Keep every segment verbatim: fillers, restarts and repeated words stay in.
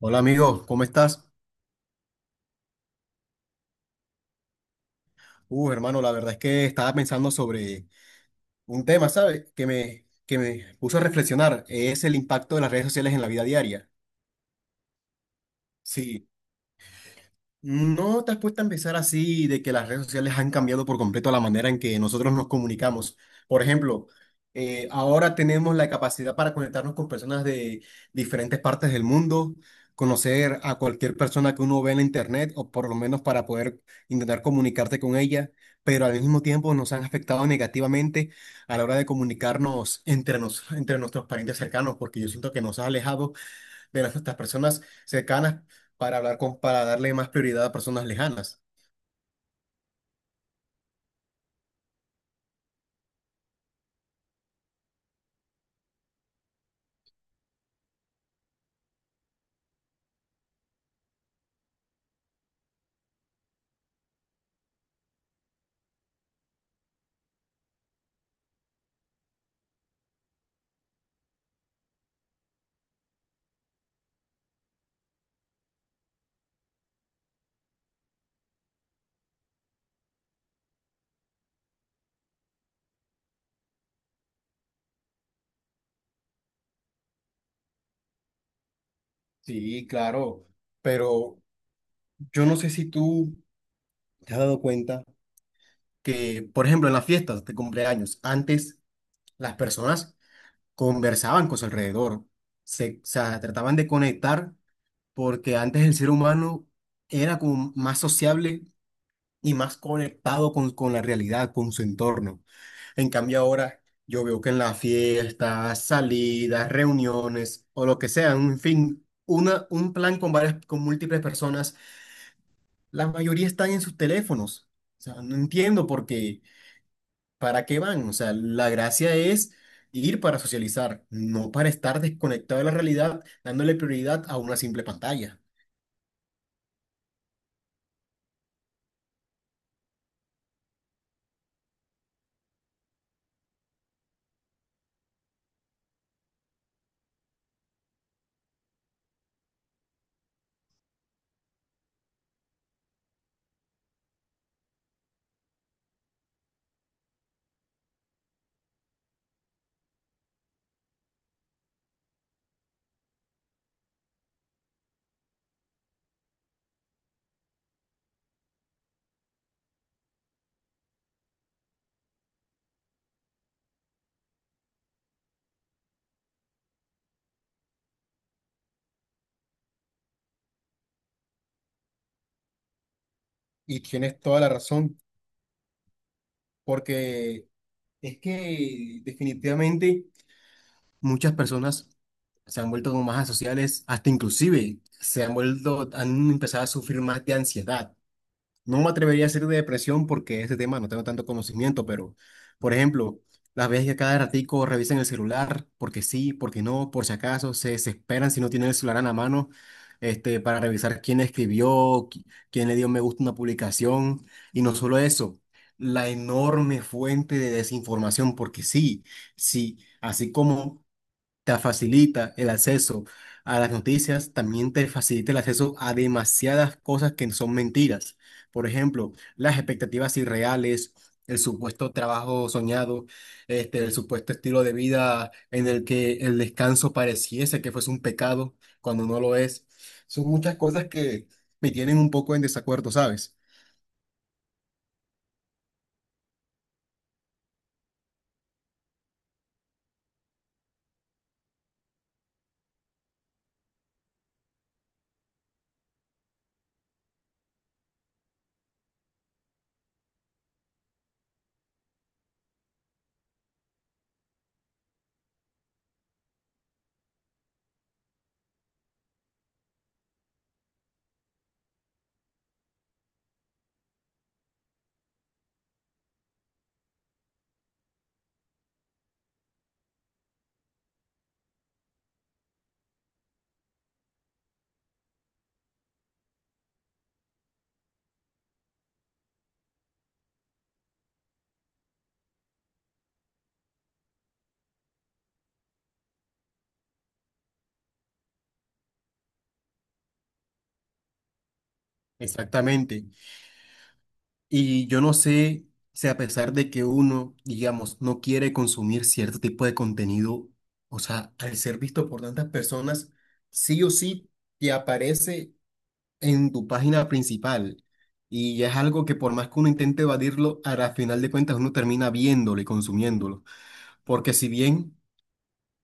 Hola amigo, ¿cómo estás? Uh, hermano, la verdad es que estaba pensando sobre un tema, ¿sabes? Que me, que me puso a reflexionar, es el impacto de las redes sociales en la vida diaria. Sí, ¿no te has puesto a empezar así de que las redes sociales han cambiado por completo la manera en que nosotros nos comunicamos? Por ejemplo, eh, ahora tenemos la capacidad para conectarnos con personas de diferentes partes del mundo, conocer a cualquier persona que uno ve en la internet o por lo menos para poder intentar comunicarte con ella, pero al mismo tiempo nos han afectado negativamente a la hora de comunicarnos entre, nos- entre nuestros parientes cercanos, porque yo siento que nos ha alejado de las, estas personas cercanas para hablar con, para darle más prioridad a personas lejanas. Sí, claro, pero yo no sé si tú te has dado cuenta que, por ejemplo, en las fiestas de cumpleaños, antes las personas conversaban con su alrededor, se, o sea, trataban de conectar porque antes el ser humano era como más sociable y más conectado con, con la realidad, con su entorno. En cambio ahora yo veo que en las fiestas, salidas, reuniones o lo que sea, en fin, una, un plan con varias, con múltiples personas, la mayoría están en sus teléfonos. O sea, no entiendo por qué, para qué van. O sea, la gracia es ir para socializar, no para estar desconectado de la realidad, dándole prioridad a una simple pantalla. Y tienes toda la razón, porque es que definitivamente muchas personas se han vuelto como más asociales, hasta inclusive se han vuelto, han empezado a sufrir más de ansiedad. No me atrevería a decir de depresión porque ese tema no tengo tanto conocimiento, pero, por ejemplo, las veces que cada ratico revisan el celular, porque sí, porque no, por si acaso, se desesperan si no tienen el celular en la mano, este, para revisar quién escribió, qui- quién le dio me gusta a una publicación, y no solo eso, la enorme fuente de desinformación, porque sí, sí, así como te facilita el acceso a las noticias, también te facilita el acceso a demasiadas cosas que son mentiras. Por ejemplo, las expectativas irreales, el supuesto trabajo soñado, este, el supuesto estilo de vida en el que el descanso pareciese que fuese un pecado cuando no lo es. Son muchas cosas que me tienen un poco en desacuerdo, ¿sabes? Exactamente. Y yo no sé si a pesar de que uno, digamos, no quiere consumir cierto tipo de contenido, o sea, al ser visto por tantas personas, sí o sí te aparece en tu página principal. Y es algo que por más que uno intente evadirlo, a la final de cuentas uno termina viéndolo y consumiéndolo. Porque si bien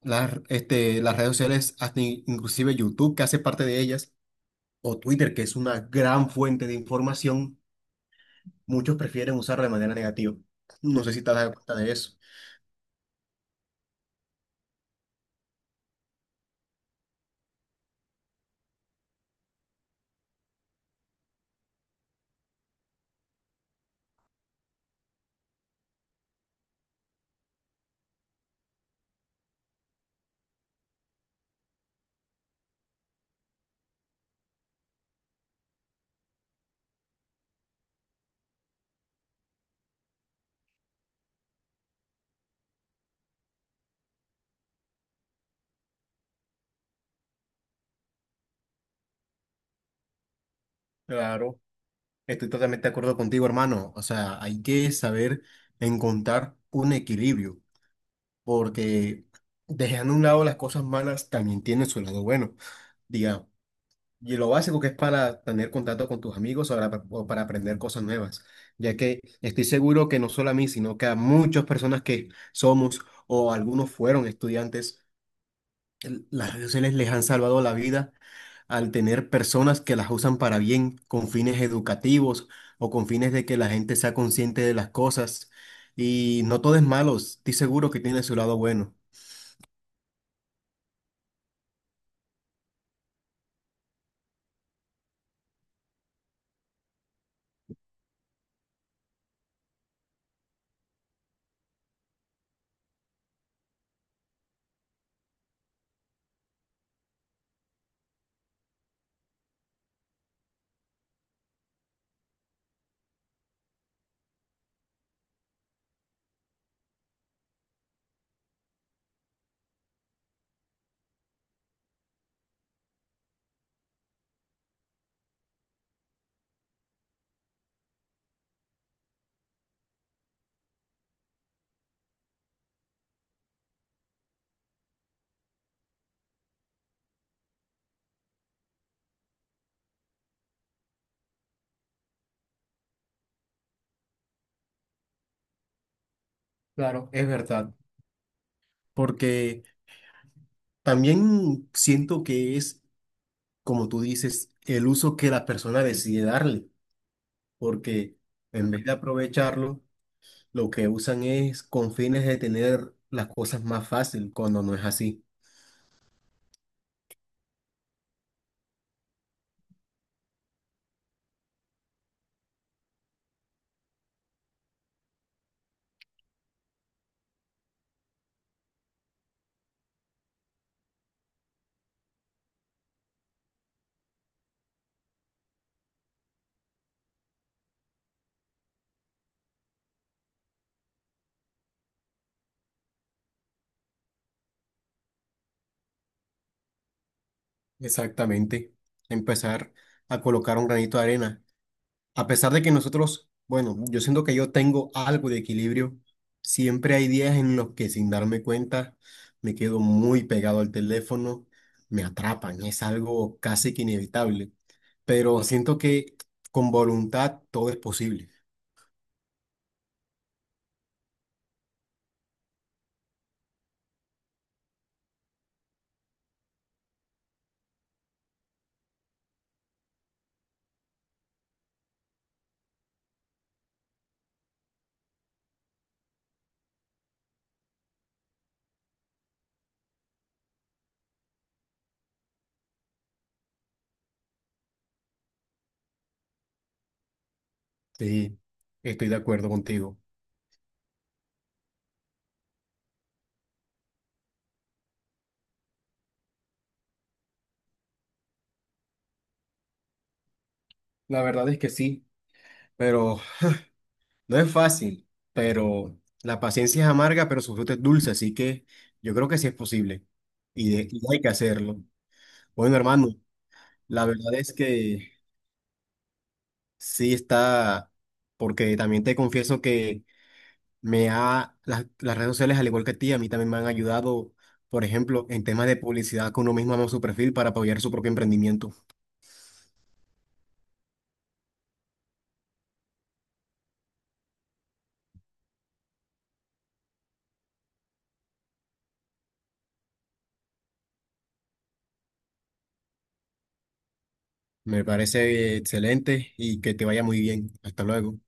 las, este, las redes sociales, hasta in- inclusive YouTube, que hace parte de ellas, o Twitter, que es una gran fuente de información, muchos prefieren usarlo de manera negativa. No sé si te has dado cuenta de eso. Claro, estoy totalmente de acuerdo contigo, hermano. O sea, hay que saber encontrar un equilibrio, porque dejando a un lado las cosas malas también tiene su lado bueno. Diga, y lo básico que es para tener contacto con tus amigos o para, o para aprender cosas nuevas, ya que estoy seguro que no solo a mí, sino que a muchas personas que somos o algunos fueron estudiantes el- las redes sociales les han salvado la vida al tener personas que las usan para bien, con fines educativos o con fines de que la gente sea consciente de las cosas. Y no todo es malo, estoy seguro que tiene su lado bueno. Claro, es verdad. Porque también siento que es, como tú dices, el uso que la persona decide darle, porque en vez de aprovecharlo, lo que usan es con fines de tener las cosas más fácil, cuando no es así. Exactamente, empezar a colocar un granito de arena. A pesar de que nosotros, bueno, yo siento que yo tengo algo de equilibrio, siempre hay días en los que sin darme cuenta me quedo muy pegado al teléfono, me atrapan, es algo casi que inevitable, pero siento que con voluntad todo es posible. Sí, estoy de acuerdo contigo. La verdad es que sí, pero no es fácil, pero la paciencia es amarga, pero su fruto es dulce, así que yo creo que sí es posible y, de- y hay que hacerlo. Bueno, hermano, la verdad es que sí está, porque también te confieso que me ha, las, las redes sociales, al igual que a ti, a mí también me han ayudado, por ejemplo, en temas de publicidad, que uno mismo haga su perfil para apoyar su propio emprendimiento. Me parece excelente y que te vaya muy bien. Hasta luego.